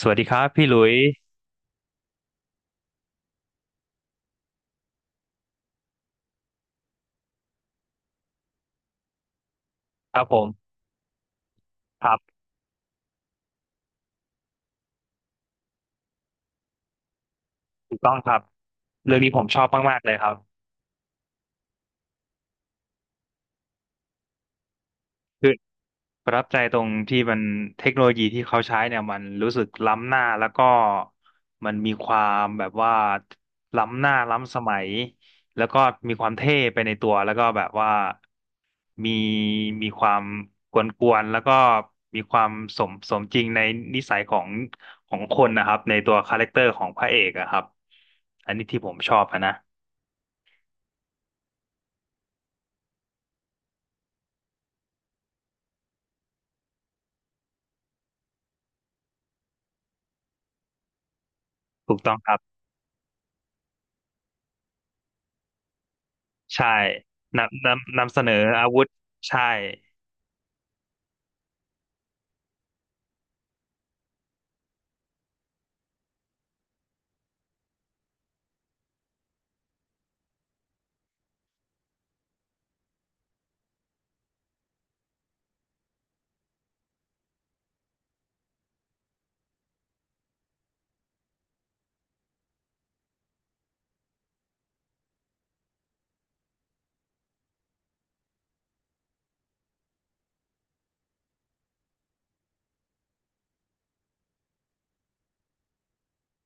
สวัสดีครับพี่หลุยครับผมครับถูกต้องครับเรื่องนี้ผมชอบมากๆเลยครับคือประทับใจตรงที่มันเทคโนโลยีที่เขาใช้เนี่ยมันรู้สึกล้ำหน้าแล้วก็มันมีความแบบว่าล้ำหน้าล้ำสมัยแล้วก็มีความเท่ไปในตัวแล้วก็แบบว่ามีมีความกวนๆแล้วก็มีความสมจริงในนิสัยของของคนนะครับในตัวคาแรคเตอร์ของพระเอกอะครับอันนี้ที่ผมชอบอะนะถูกต้องครับ ใช่นำเสนออาวุธ ใช่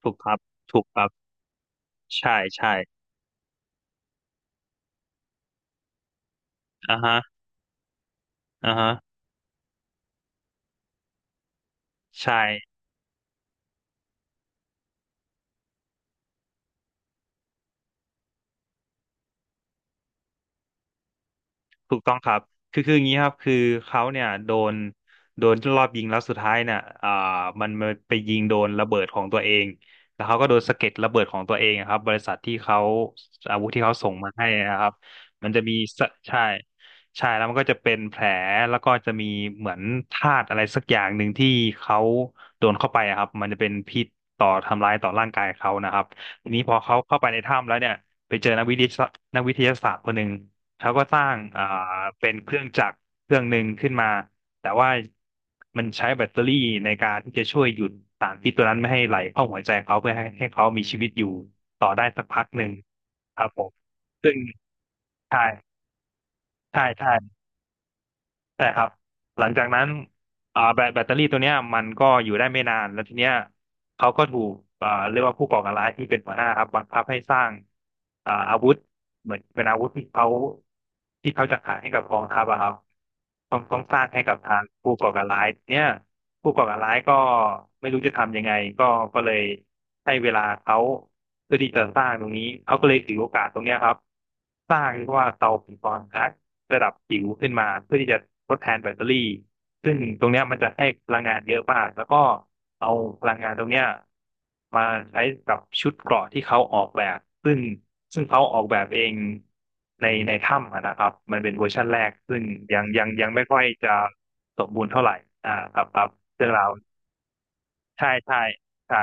ถูกครับ ถูกครับ ใช่ ใช่อ่าฮะอ่าฮะใช่ ถูกต้องครับ คืออย่างนี้ครับคือเขาเนี่ยโดนรอบยิงแล้วสุดท้ายเนี่ยมันมันไปยิงโดนระเบิดของตัวเองแล้วเขาก็โดนสะเก็ดระเบิดของตัวเองอะครับ บริษัทที่เขาอาวุธที่เขาส่งมาให้นะครับมันจะมีสะใช่ใช่ แล้วมันก็จะเป็นแผล แล้วก็จะมีเหมือนธาตุอะไรสักอย่างหนึ่งที่เขาโดนเข้าไปอะครับมันจะเป็นพิษต่อทำร้ายต่อร่างกายเขานะครับทีนี้พอเขาเข้าไปในถ้ำแล้วเนี่ยไปเจอนักวิทยาศาสตร์นักวิทยาศาสตร์คนหนึ่ง เขาก็สร้างเป็นเครื่องจักรเครื่องหนึ่งขึ้นมา แต่ว่ามันใช้แบตเตอรี่ในการที่จะช่วยหยุดสารพิษตัวนั้นไม่ให้ไหลเข้าหัวใจเขาเพื่อให้เขามีชีวิตอยู่ต่อได้สักพักหนึ่งครับผมซึ่งใช่ใช่ใช่ ใช่ครับหลังจากนั้นแบตเตอรี่ตัวเนี้ยมันก็อยู่ได้ไม่นานแล้วทีเนี้ยเขาก็ถูกเรียกว่าผู้ก่อการร้ายที่เป็นหัวหน้าครับบังคับให้สร้างอาวุธเหมือนเป็นอาวุธที่เขาที่เขาจะขายให้กับกองทัพอะครับต้องสร้างให้กับทางผู้ก่อการร้ายทีเนี้ยผู้ก่อการร้ายก็ไม่รู้จะทำยังไงก็ก็เลยให้เวลาเขาเพื่อที่จะสร้างตรงนี้เขาก็เลยถือโอกาสตรงเนี้ยครับสร้างเรียกว่าเตาปิงปองครับ ระดับจิ๋วขึ้นมาเพื่อที่จะทดแทนแบตเตอรี่ซึ่งตรงเนี้ยมันจะให้พลังงานเยอะมากแล้วก็เอาพลังงานตรงเนี้ยมาใช้กับชุดเกราะที่เขาออกแบบซึ่งซึ่งเขาออกแบบเองในถ้ำอะนะครับมันเป็นเวอร์ชันแรกซึ่งยังไม่ค่อยจะสมบูรณ์เท่าไหร่อ่าครับครับเรื่องราวใช่ใช่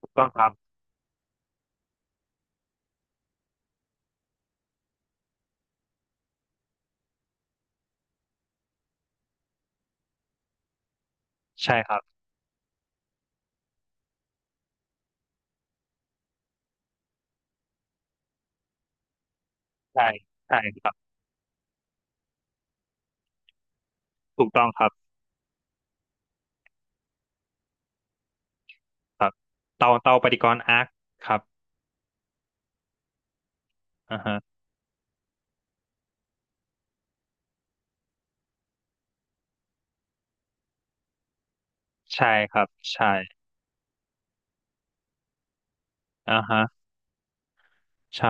ถูกต้องครับใช่ครับใช่ใช่ครับถูกต้องครับครับเตาปฏิกรณ์อาร์คครับอ่าฮะใช่ครับใช่ อ่าฮะใช่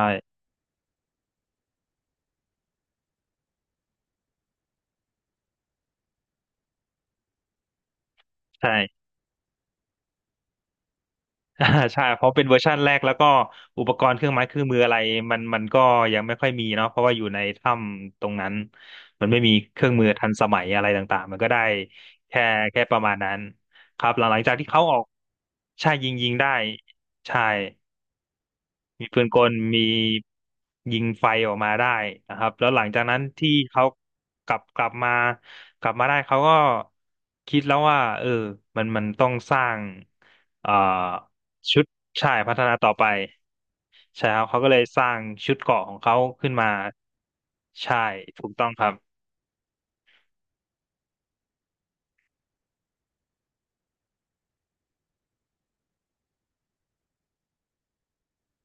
ใช่ อ่าใช่เพราะเป็นเวอร์ชันแรกแล้วก็อุปกรณ์เครื่องไม้เครื่องมืออะไรมันก็ยังไม่ค่อยมีเนาะเพราะว่าอยู่ในถ้ำตรงนั้นมันไม่มีเครื่องมือทันสมัยอะไรต่างๆมันก็ได้แค่แค่ประมาณนั้นครับหลังจากที่เขาออกใช่ยิงได้ใช่ มีปืนกลมียิงไฟออกมาได้นะครับแล้วหลังจากนั้นที่เขากลับมากลับมาได้เขาก็คิดแล้วว่าเออมันต้องสร้างเอ่อชุดใช่พัฒนาต่อไปใช่ครับเขาก็เลยสร้างชุดเกราะของเขาขึ้นมาใช่ถูกต้องครับ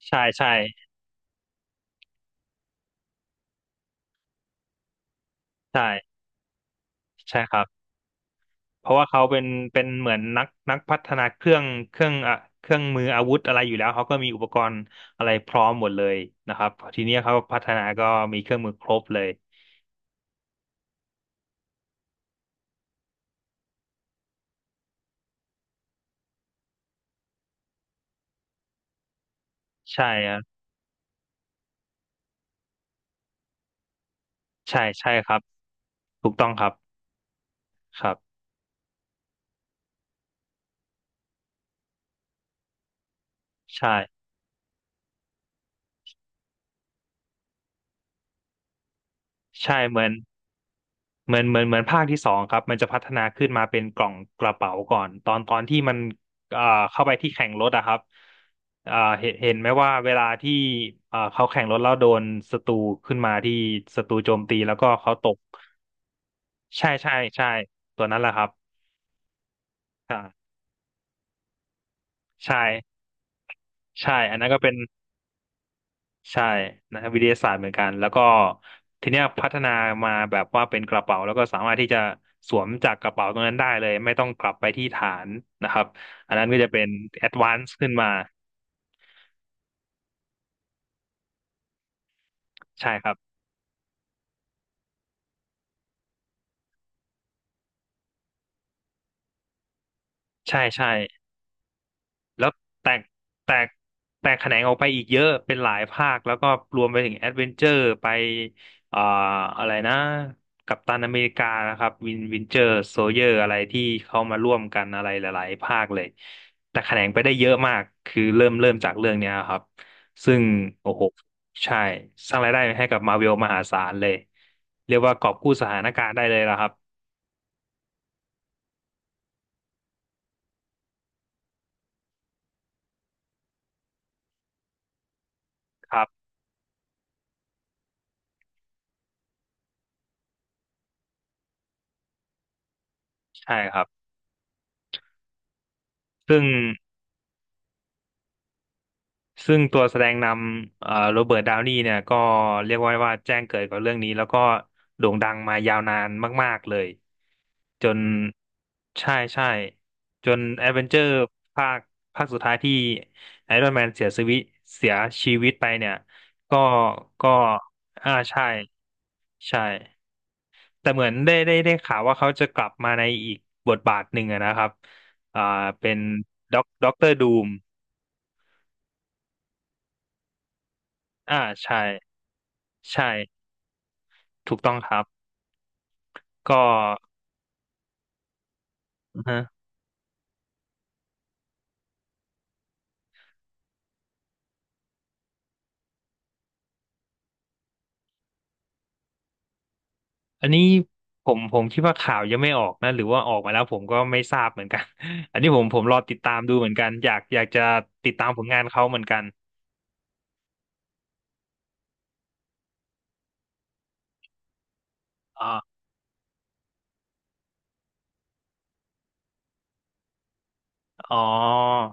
ใช่ใช่ใช่ใช่ครับ เพราะว่าเขาเป็นเป็นเหมือนนักพัฒนาเครื่องอ่ะเครื่องมืออาวุธอะไรอยู่แล้วเขาก็มีอุปกรณ์อะไรพร้อมหมดเลยนะครับทีนี้เขาพัฒนาก็มีเครื่องมือครบเลยใช่ครับใช่ครับถูกต้องครับครับใช่ใช่เหมือน เหมือนภาคที่สองครับมันจะพัฒนาขึ้นมาเป็นกล่องกระเป๋าก่อนตอนที่มันเอ่อเข้าไปที่แข่งรถอะครับเอ่อเห็นไหมว่าเวลาที่เขาแข่งรถแล้วโดนศัตรูขึ้นมาที่ศัตรูโจมตีแล้วก็เขาตกใช่ตัวนั้นแหละครับอ่าใช่ใช่อันนั้นก็เป็น ใช่นะครับวิทยาศาสตร์เหมือนกันแล้วก็ทีเนี้ยพัฒนามาแบบว่าเป็นกระเป๋าแล้วก็สามารถที่จะสวมจากกระเป๋าตรงนั้นได้เลยไม่ต้องกลับไปที่ฐานนะครับอันนั้นก็จะเป็นแอดวานซ์ขึ้นมาใช่ครับใช่ใช่ แล้วแตกแตกแตกแขนงออกไปอีกเยอะเป็นหลายภาคแล้วก็รวมไปถึงแอดเวนเจอร์ไปเอ่ออะไรนะกัปตันอเมริกานะครับวินเจอร์โซเยอร์อะไรที่เขามาร่วมกันอะไรหลายๆภาคเลยแต่แขนงไปได้เยอะมากคือเริ่มจากเรื่องเนี้ยครับซึ่งโอ้โหใช่สร้างรายได้ให้กับมาเวลมหาศาลเลยเรียกว่ากอบกู้สถานการณ์ได้เลยละครับครับใช่ครับซึ่ง ซึ่งตัวแสดงนำโรเบิร์ตดาวนีเนี่ยก็เรียกว่าแจ้งเกิดกับเรื่องนี้แล้วก็โด่งดังมายาวนานมากๆเลย จนใช่ใช่จนแอดเวนเจอร์ภาคภาคสุดท้ายที่ไอรอนแมนเสียชีวิตเสียไปเนี่ยก็ก็อ่าใช่ใช่แต่เหมือนได้ข่าวว่าเขาจะกลับมาในอีกบทบาทหนึ่งอะนะครับอ่าเป็นด็อกเตอร์ดูมอ่าใช่ใช่ถูกต้องครับ ก็ฮะอันนี้ผมคิดว่าข่าวยังไม่ออกนะหรือว่าออกมาแล้วผมก็ไม่ทราบเหมือนกัน อันนี้ผมรอติดตามดูเหมือนกันอยากจะติดตามผลงานเขาเหมือนกันอ๋ออ๋อ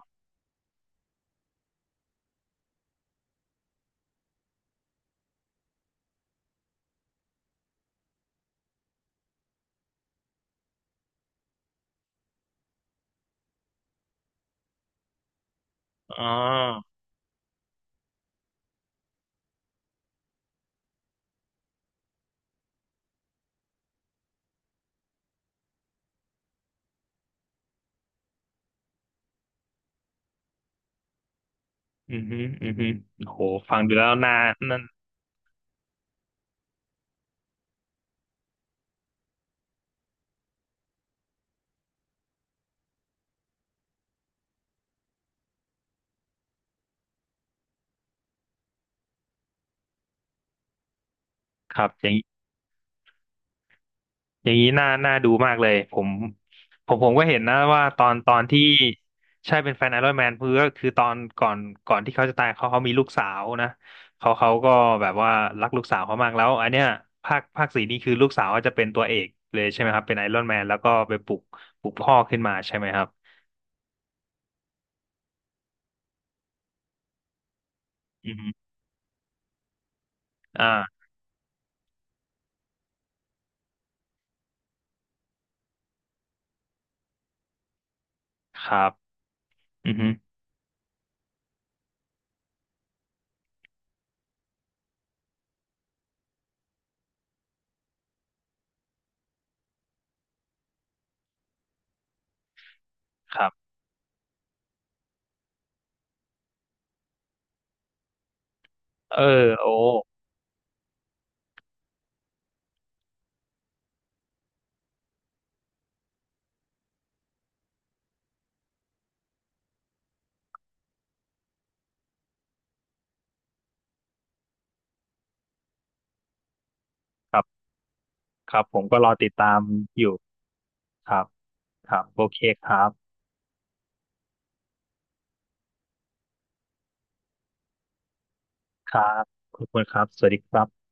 อ๋ออือฮึอือฮึโหฟังดูแล้วน่านั่นครับอย่างนี้น่าดูมากเลยผมผมก็เห็นนะว่าตอนที่ใช่เป็นแฟนไอรอนแมนเพื่อคือตอนก่อนที่เขาจะตายเขามีลูกสาวนะเขาก็แบบว่ารักลูกสาวเขามากแล้วอันเนี้ยภาคสี่นี่คือลูกสาวก็จะเป็นตัวเอกเลยใช่ไหมครับเป็นไอรอนแมนแล้วก็ไปปลุกพ่อขึ้นมาใช่ไหมครับอือฮึอ่าครับอือฮึครับเออโอ้ครับครับผมก็รอติดตามอยู่ครับครับโอเคครับครับขอบคุณครับสวัสดีครับ